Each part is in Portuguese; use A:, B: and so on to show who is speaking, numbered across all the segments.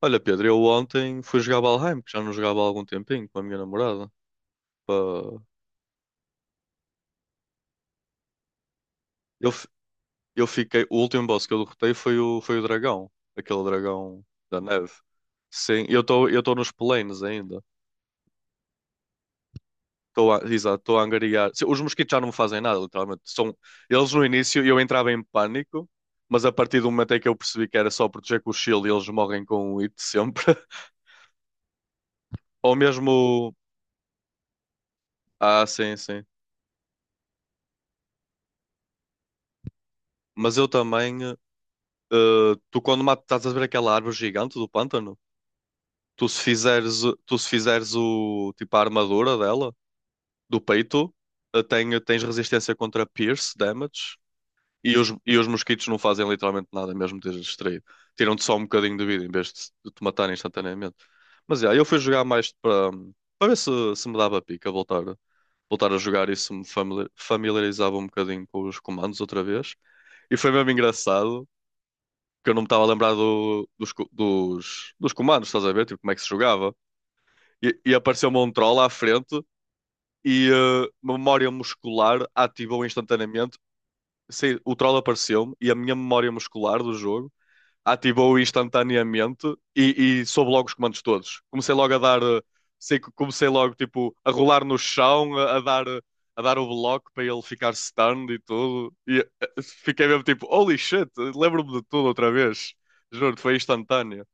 A: Olha, Pedro, eu ontem fui jogar Valheim, que já não jogava há algum tempinho, com a minha namorada. Pá, Eu, fi- eu fiquei. O último boss que eu derrotei foi o dragão, aquele dragão da neve. Sim, eu estou nos planes ainda. Estou a, exato, estou a angariar. Os mosquitos já não me fazem nada, literalmente. São, eles no início eu entrava em pânico, mas a partir do momento em que eu percebi que era só proteger com o shield e eles morrem com o hit sempre. Ou mesmo. Ah, sim, sim. Mas eu também. Tu quando matas estás a ver aquela árvore gigante do pântano, tu se fizeres o tipo a armadura dela, do peito, tens resistência contra pierce damage e os mosquitos não fazem literalmente nada, mesmo que estejas distraído. Tiram-te só um bocadinho de vida em vez de te matarem instantaneamente. Mas yeah, eu fui jogar mais para ver se, se me dava pica voltar, voltar a jogar e se me familiarizava um bocadinho com os comandos outra vez. E foi mesmo engraçado que eu não me estava a lembrar dos comandos, estás a ver? Tipo, como é que se jogava. E apareceu-me um troll à frente e memória muscular ativou instantaneamente. Sei, o troll apareceu-me e a minha memória muscular do jogo ativou instantaneamente e soube logo os comandos todos. Comecei logo a dar. Sei que comecei logo, tipo, a rolar no chão, a dar. A dar o bloco para ele ficar stunned e tudo. E fiquei mesmo tipo, holy shit, lembro-me de tudo outra vez. Juro, foi instantâneo.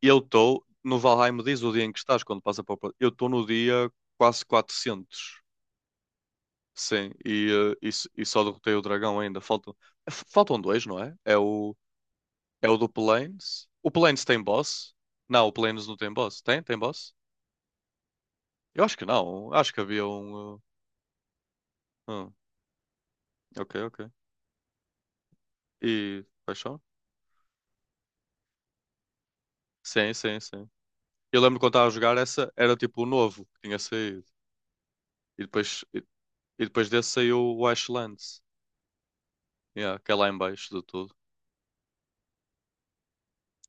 A: Eu estou, no Valheim diz o dia em que estás, quando passa para o Eu estou no dia quase 400. Sim, e só derrotei o dragão ainda. Faltam dois, não é? É o do Planes. O Planes tem boss? Não, o Planes não tem boss. Tem? Tem boss? Eu acho que não. Acho que havia um. eh, hum, ok, ok. E. Paixão? Sim, sim, sim. Eu lembro quando estava a jogar, essa era tipo o novo que tinha saído. E depois, e, e depois, desse saiu o Ashlands, yeah, que é lá em baixo de tudo.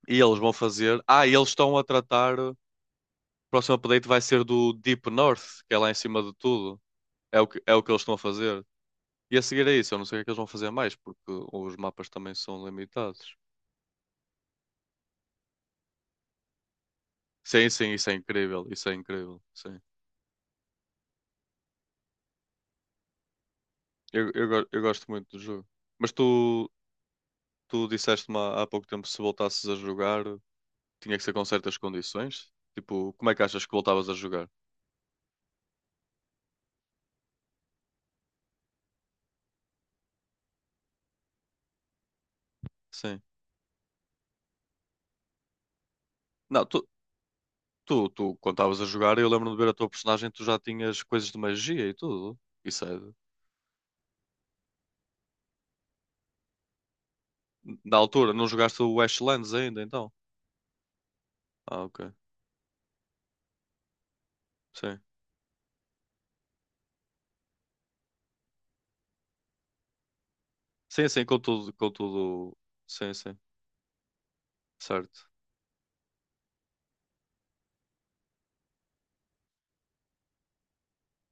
A: E eles vão fazer. Ah, e eles estão a tratar. O próximo update vai ser do Deep North, que é lá em cima de tudo. É o que eles estão a fazer. E a seguir é isso. Eu não sei o que é que eles vão fazer mais, porque os mapas também são limitados. Sim, sim, isso é incrível. Isso é incrível. Sim. Eu gosto muito do jogo. Mas tu disseste-me há pouco tempo se voltasses a jogar, tinha que ser com certas condições. Tipo, como é que achas que voltavas a jogar? Sim. Não. Quando estavas a jogar, eu lembro-me de ver a tua personagem, tu já tinhas coisas de magia e tudo. Isso é. Na altura, não jogaste o Ashlands ainda, então? Ah, ok. Sim. Sim, sim, com tudo, com tudo. Sim, sim. Certo.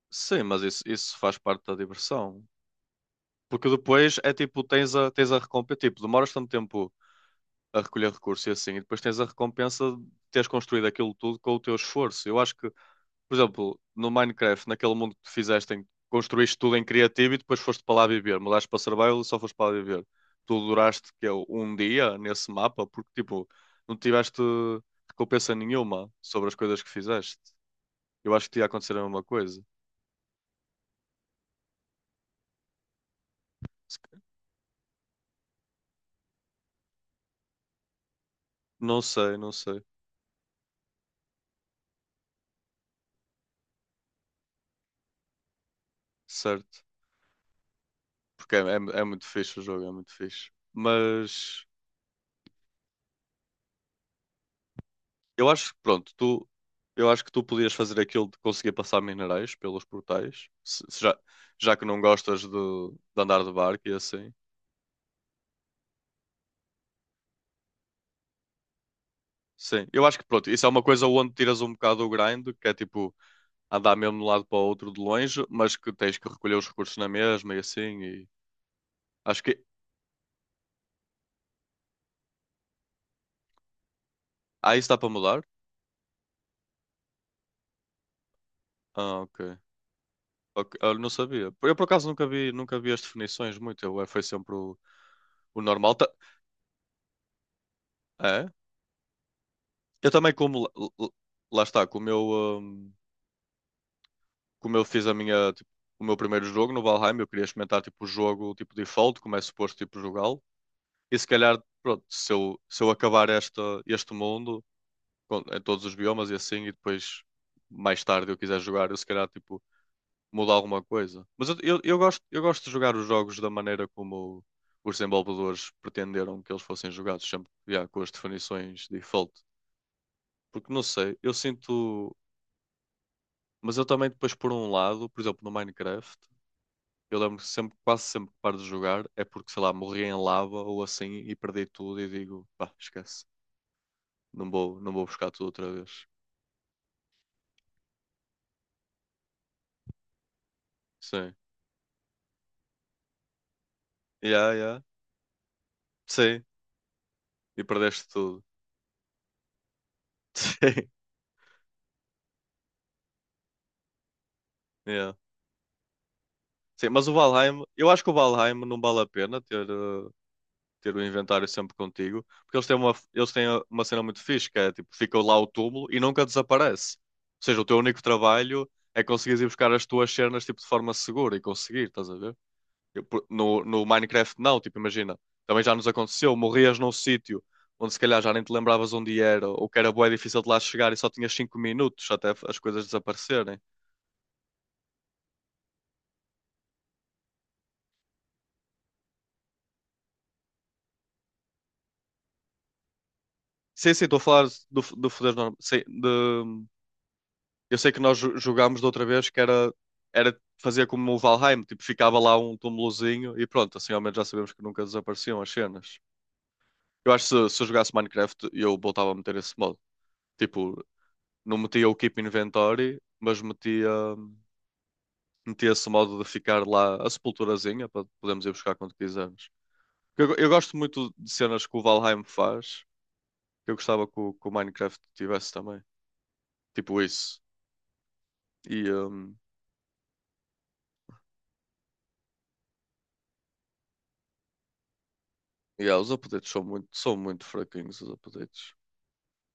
A: Sim, mas isso faz parte da diversão. Porque depois é tipo, tens a recompensa. Tipo, demoras tanto tempo a recolher recursos e assim, e depois tens a recompensa de teres construído aquilo tudo com o teu esforço. Eu acho que por exemplo, no Minecraft, naquele mundo que tu fizeste, que construíste tudo em criativo e depois foste para lá viver. Mudaste para survival e só foste para lá viver. Tu duraste que é um dia nesse mapa porque tipo, não tiveste recompensa nenhuma sobre as coisas que fizeste. Eu acho que te ia acontecer a mesma coisa. Se ca- Não sei, não sei, certo? Porque é muito fixe o jogo, é muito fixe. Mas eu acho que, pronto, tu, eu acho que tu podias fazer aquilo de conseguir passar minerais pelos portais, se já, já que não gostas de andar de barco e assim. Sim, eu acho que, pronto, isso é uma coisa onde tiras um bocado o grind, que é tipo andar mesmo de um lado para o outro de longe, mas que tens que recolher os recursos na mesma e assim. E acho que. Ah, isso dá para mudar? Ah, ok. Ok, eu não sabia. Eu por acaso nunca vi, nunca vi as definições muito, foi sempre o normal. É? Eu também, como. Lá está, com o meu. hum, Como eu fiz a minha, tipo, o meu primeiro jogo no Valheim, eu queria experimentar tipo o jogo tipo default, como é suposto tipo jogá-lo. E se calhar, pronto, se eu acabar esta, este mundo em todos os biomas e assim, e depois mais tarde eu quiser jogar, eu se calhar tipo mudar alguma coisa. Mas eu gosto de jogar os jogos da maneira como os desenvolvedores pretenderam que eles fossem jogados, sempre yeah, com as definições default. Porque não sei, eu sinto. Mas eu também depois por um lado, por exemplo, no Minecraft. Eu lembro que sempre, quase sempre que paro de jogar é porque, sei lá, morri em lava ou assim e perdi tudo e digo, pá, esquece. Não vou buscar tudo outra vez. Sim. Yeah, yeah. Sim. E perdeste tudo. Sim. Yeah. Sim, mas o Valheim, eu acho que o Valheim não vale a pena ter, ter o inventário sempre contigo, porque eles têm uma cena muito fixe, que é tipo, fica lá o túmulo e nunca desaparece. Ou seja, o teu único trabalho é conseguires ir buscar as tuas cenas tipo, de forma segura e conseguir, estás a ver? Eu, por- No, no Minecraft, não, tipo, imagina. Também já nos aconteceu, morrias num sítio onde se calhar já nem te lembravas onde era, ou que era bué difícil de lá chegar e só tinhas 5 minutos até as coisas desaparecerem. Sim, sim, estou a falar do foder normal. Sim, eu sei que nós jogámos da outra vez que era, era fazer como o Valheim, tipo, ficava lá um túmulozinho e pronto, assim ao menos já sabemos que nunca desapareciam as cenas. Eu acho que se eu jogasse Minecraft, eu voltava a meter esse modo. Tipo, não metia o Keep Inventory, mas metia. Metia-se o modo de ficar lá a sepulturazinha para podermos ir buscar quando quisermos. Porque eu gosto muito de cenas que o Valheim faz, que eu gostava que o, Minecraft tivesse também. Tipo isso. E, yeah, os updates são muito fraquinhos, os updates.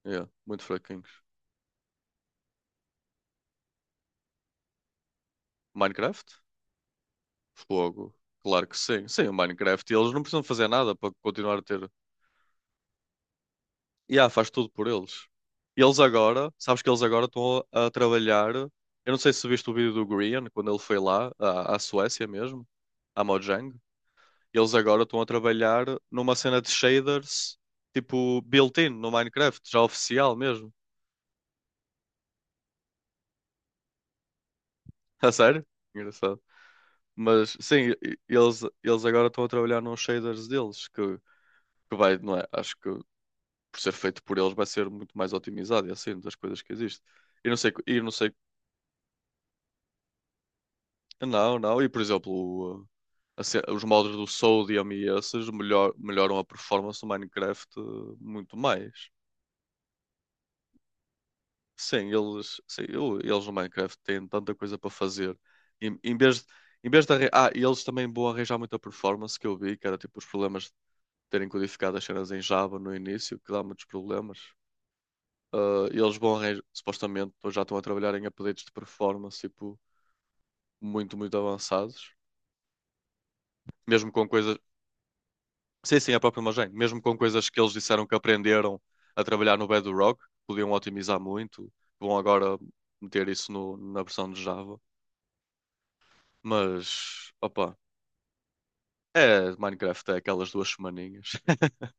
A: Yeah, muito fraquinhos. Minecraft? Fogo. Claro que sim. Sim, o Minecraft. E eles não precisam fazer nada para continuar a ter e yeah, faz tudo por eles. E eles agora, sabes que eles agora estão a trabalhar. Eu não sei se viste o vídeo do Grian quando ele foi lá, à Suécia mesmo, à Mojang. Eles agora estão a trabalhar numa cena de shaders, tipo built-in no Minecraft, já oficial mesmo. A sério? Engraçado. Mas sim, eles agora estão a trabalhar nos shaders deles, que vai, não é? Acho que por ser feito por eles vai ser muito mais otimizado e assim, das coisas que existe. E não sei, e não sei. Não, não. E por exemplo, o, os modos do Sodium e esses melhoram a performance do Minecraft muito mais. Sim, eles, sim, eles no Minecraft têm tanta coisa para fazer. Em, em vez, de- em vez de arran-. Ah, e eles também vão arranjar muita performance que eu vi, que era tipo os problemas de terem codificado as cenas em Java no início, que dá muitos problemas. Ah, e eles vão arranjar, supostamente, já estão a trabalhar em updates de performance tipo, muito, muito avançados mesmo com coisas. Sim, sim, a própria imagem. Mesmo com coisas que eles disseram que aprenderam a trabalhar no Bedrock, podiam otimizar muito. Vão agora meter isso na versão de Java. Mas, opa, é Minecraft, é aquelas duas semaninhas.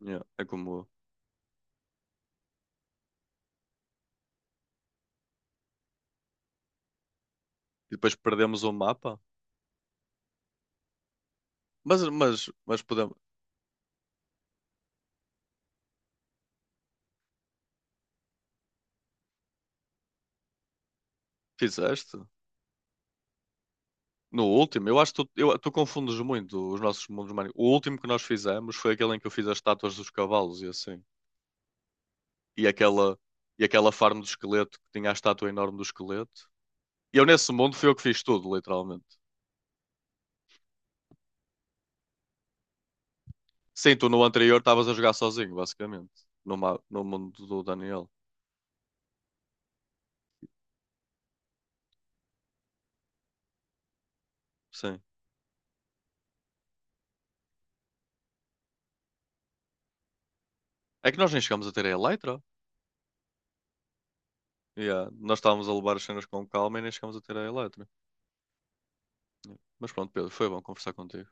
A: Yeah, é como. E depois perdemos o mapa. Mas podemos. Fizeste? No último, eu acho que tu confundes muito os nossos mundos. Minecraft. O último que nós fizemos foi aquele em que eu fiz as estátuas dos cavalos e assim. E aquela, e aquela farm do esqueleto que tinha a estátua enorme do esqueleto. E eu nesse mundo fui eu que fiz tudo, literalmente. Sim, tu no anterior estavas a jogar sozinho, basicamente. No mundo do Daniel. Sim. É que nós nem chegámos a ter a Eletra. Yeah. Nós estávamos a levar as cenas com calma e nem chegámos a ter a Eletra. Yeah. Mas pronto, Pedro, foi bom conversar contigo.